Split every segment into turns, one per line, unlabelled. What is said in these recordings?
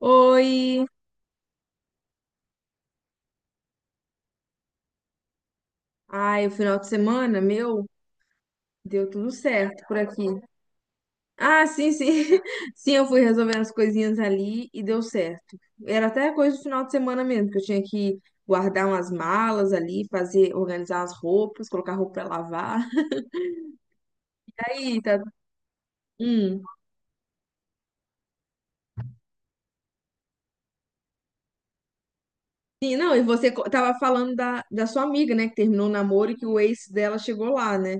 Oi! Ai, o final de semana, meu, deu tudo certo por aqui. Ah, sim, sim. Sim, eu fui resolvendo as coisinhas ali e deu certo. Era até coisa do final de semana mesmo, que eu tinha que guardar umas malas ali, fazer, organizar as roupas, colocar roupa pra lavar. Aí, tá. Hum. Sim, não, e tava falando da sua amiga, né, que terminou o namoro e que o ex dela chegou lá, né?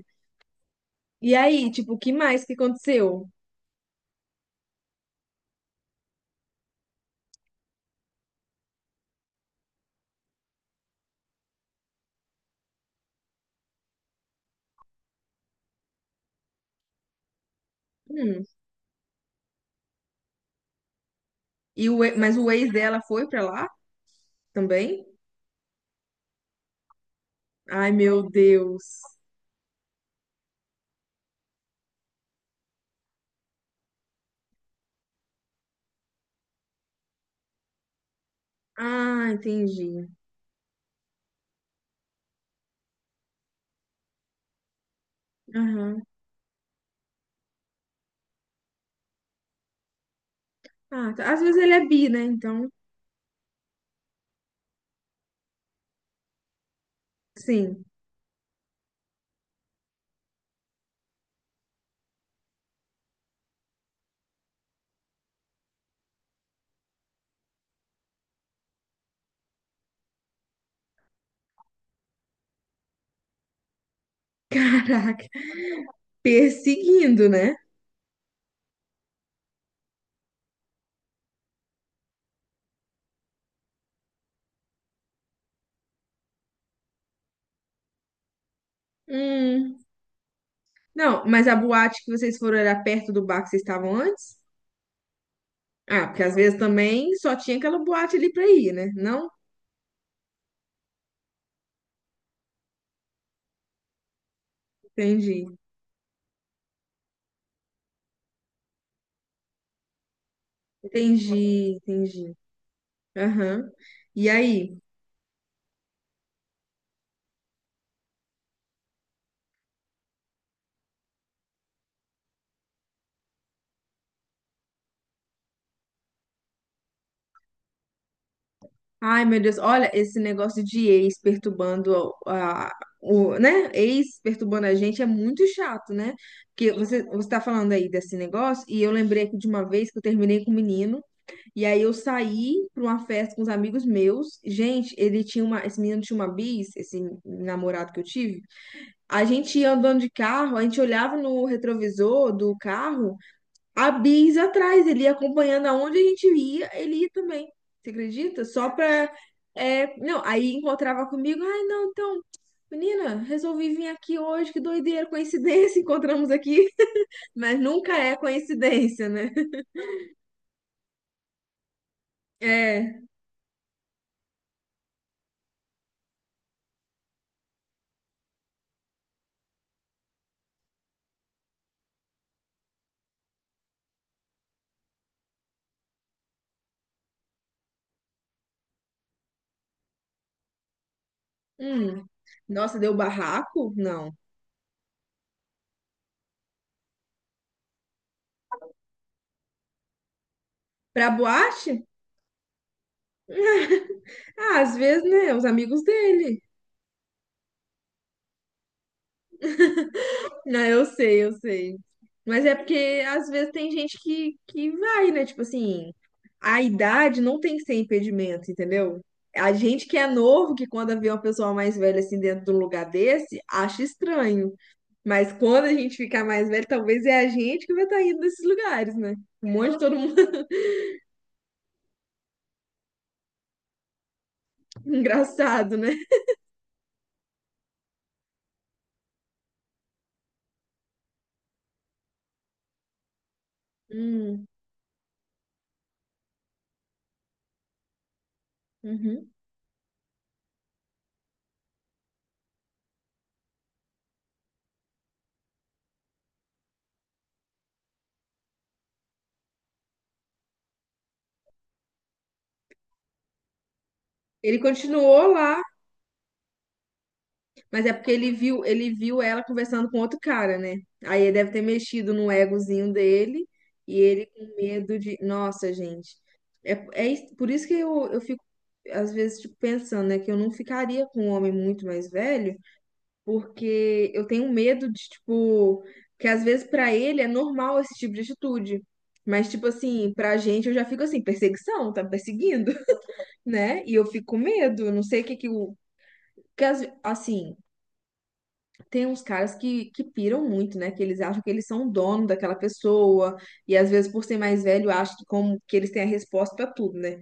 E aí, tipo, o que mais que aconteceu? Hum. Mas o ex dela foi pra lá também? Ai, meu Deus. Ah, entendi. Aham. Ah, tá. Às vezes ele é bi, né? Então, sim. Caraca. Perseguindo, né? Hum. Não, mas a boate que vocês foram era perto do bar que vocês estavam antes? Ah, porque às vezes também só tinha aquela boate ali pra ir, né? Não? Entendi. Entendi, entendi. Aham. E aí? Ai, meu Deus, olha esse negócio de ex perturbando a- o, né? Ex perturbando a gente é muito chato, né? Porque você tá falando aí desse negócio, e eu lembrei aqui de uma vez que eu terminei com um menino, e aí eu saí pra uma festa com os amigos meus. Gente, ele tinha uma, esse menino tinha uma bis, esse namorado que eu tive. A gente ia andando de carro, a gente olhava no retrovisor do carro há bis atrás, ele ia acompanhando aonde a gente ia, ele ia também. Você acredita? Só pra. É, não, aí encontrava comigo, ai, não, então, menina, resolvi vir aqui hoje, que doideira, coincidência, encontramos aqui. Mas nunca é coincidência, né? É. Hum. Nossa, deu barraco? Não. Pra boate? Ah, às vezes, né? Os amigos dele. Não, eu sei, eu sei. Mas é porque às vezes tem gente que vai, né? Tipo assim, a idade não tem que ser impedimento, entendeu? A gente que é novo, que quando vê uma pessoa mais velha assim dentro de um lugar desse, acha estranho. Mas quando a gente ficar mais velho, talvez é a gente que vai estar indo nesses lugares, né? Um monte de todo mundo. Engraçado, né? Hum, uhum. Ele continuou lá. Mas é porque ele viu ela conversando com outro cara, né? Aí ele deve ter mexido no egozinho dele e ele com medo de. Nossa, gente. Por isso que eu fico, às vezes, tipo, pensando, né? Que eu não ficaria com um homem muito mais velho, porque eu tenho medo de, tipo. Que às vezes pra ele é normal esse tipo de atitude. Mas, tipo assim, pra gente eu já fico assim, perseguição, tá me perseguindo, né? E eu fico com medo, eu não sei o que que o. Assim tem uns caras que piram muito, né? Que eles acham que eles são o dono daquela pessoa, e às vezes, por ser mais velho, acham que, como, que eles têm a resposta para tudo, né?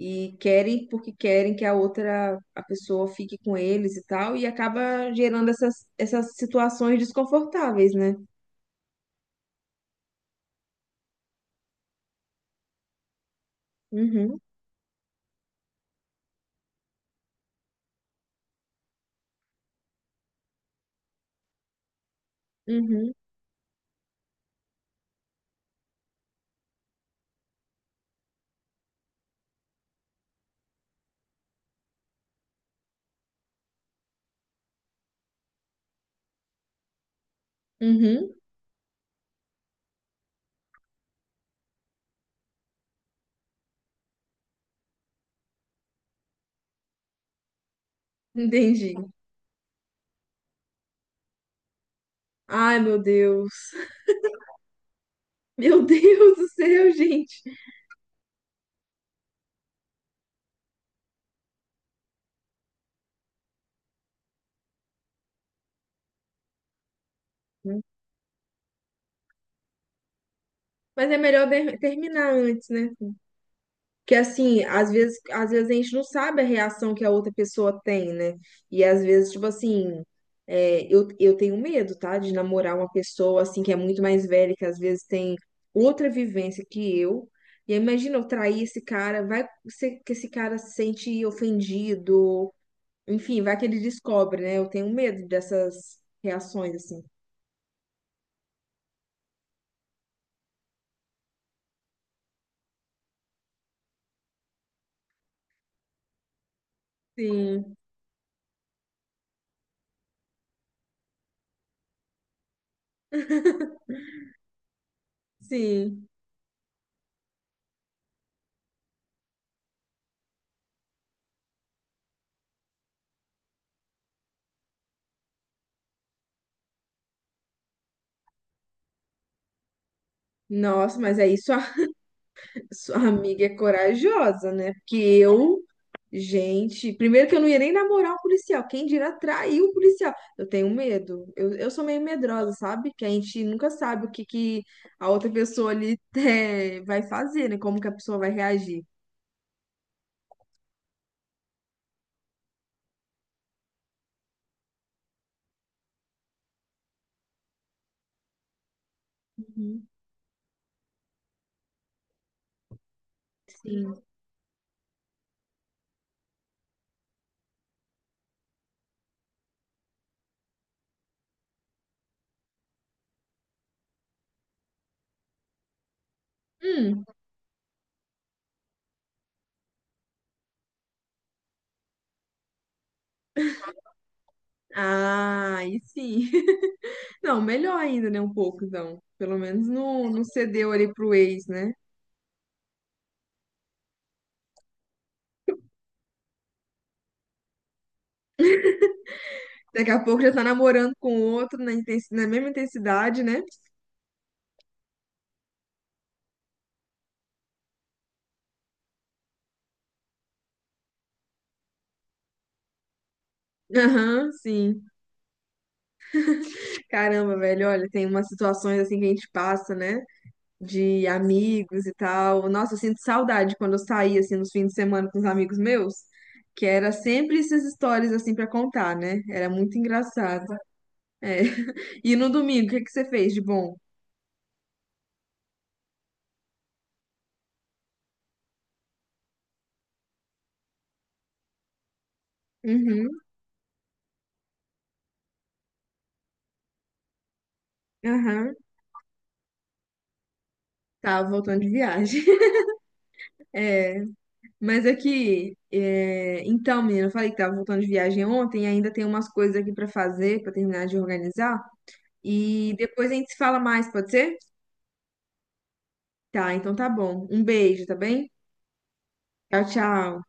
E querem porque querem que a pessoa fique com eles e tal, e acaba gerando essas situações desconfortáveis, né? Uhum, uhum, uhum, entendi. Ai, meu Deus. Meu Deus do céu, gente. Terminar antes, né? Que assim, às vezes a gente não sabe a reação que a outra pessoa tem, né? E às vezes, tipo assim, é, eu tenho medo, tá? De namorar uma pessoa assim que é muito mais velha, que às vezes tem outra vivência que eu. E aí, imagina eu trair esse cara, vai ser que esse cara se sente ofendido, enfim, vai que ele descobre, né? Eu tenho medo dessas reações, assim. Sim, sim. Nossa, mas aí sua, sua amiga é corajosa, né? Porque eu. Gente, primeiro que eu não ia nem namorar um policial. Quem dirá trair um policial? Eu tenho medo. Eu sou meio medrosa, sabe? Que a gente nunca sabe o que, que a outra pessoa ali vai fazer, né? Como que a pessoa vai reagir. Uhum, sim. Hum, ah, aí sim. Não, melhor ainda, né? Um pouco, então. Pelo menos não, não cedeu ali pro ex, né? Daqui a pouco já tá namorando com outro na, na mesma intensidade, né? Aham, sim. Caramba, velho, olha, tem umas situações assim que a gente passa, né? De amigos e tal. Nossa, eu sinto saudade quando eu saía assim nos fins de semana com os amigos meus, que era sempre essas histórias assim pra contar, né? Era muito engraçado. É. E no domingo, o que é que você fez de bom? Uhum, aham. Tava voltando de viagem. É, mas aqui, é, então, menina, eu falei que tava voltando de viagem ontem, e ainda tem umas coisas aqui pra fazer, pra terminar de organizar. E depois a gente se fala mais, pode ser? Tá, então tá bom. Um beijo, tá bem? Tchau, tchau.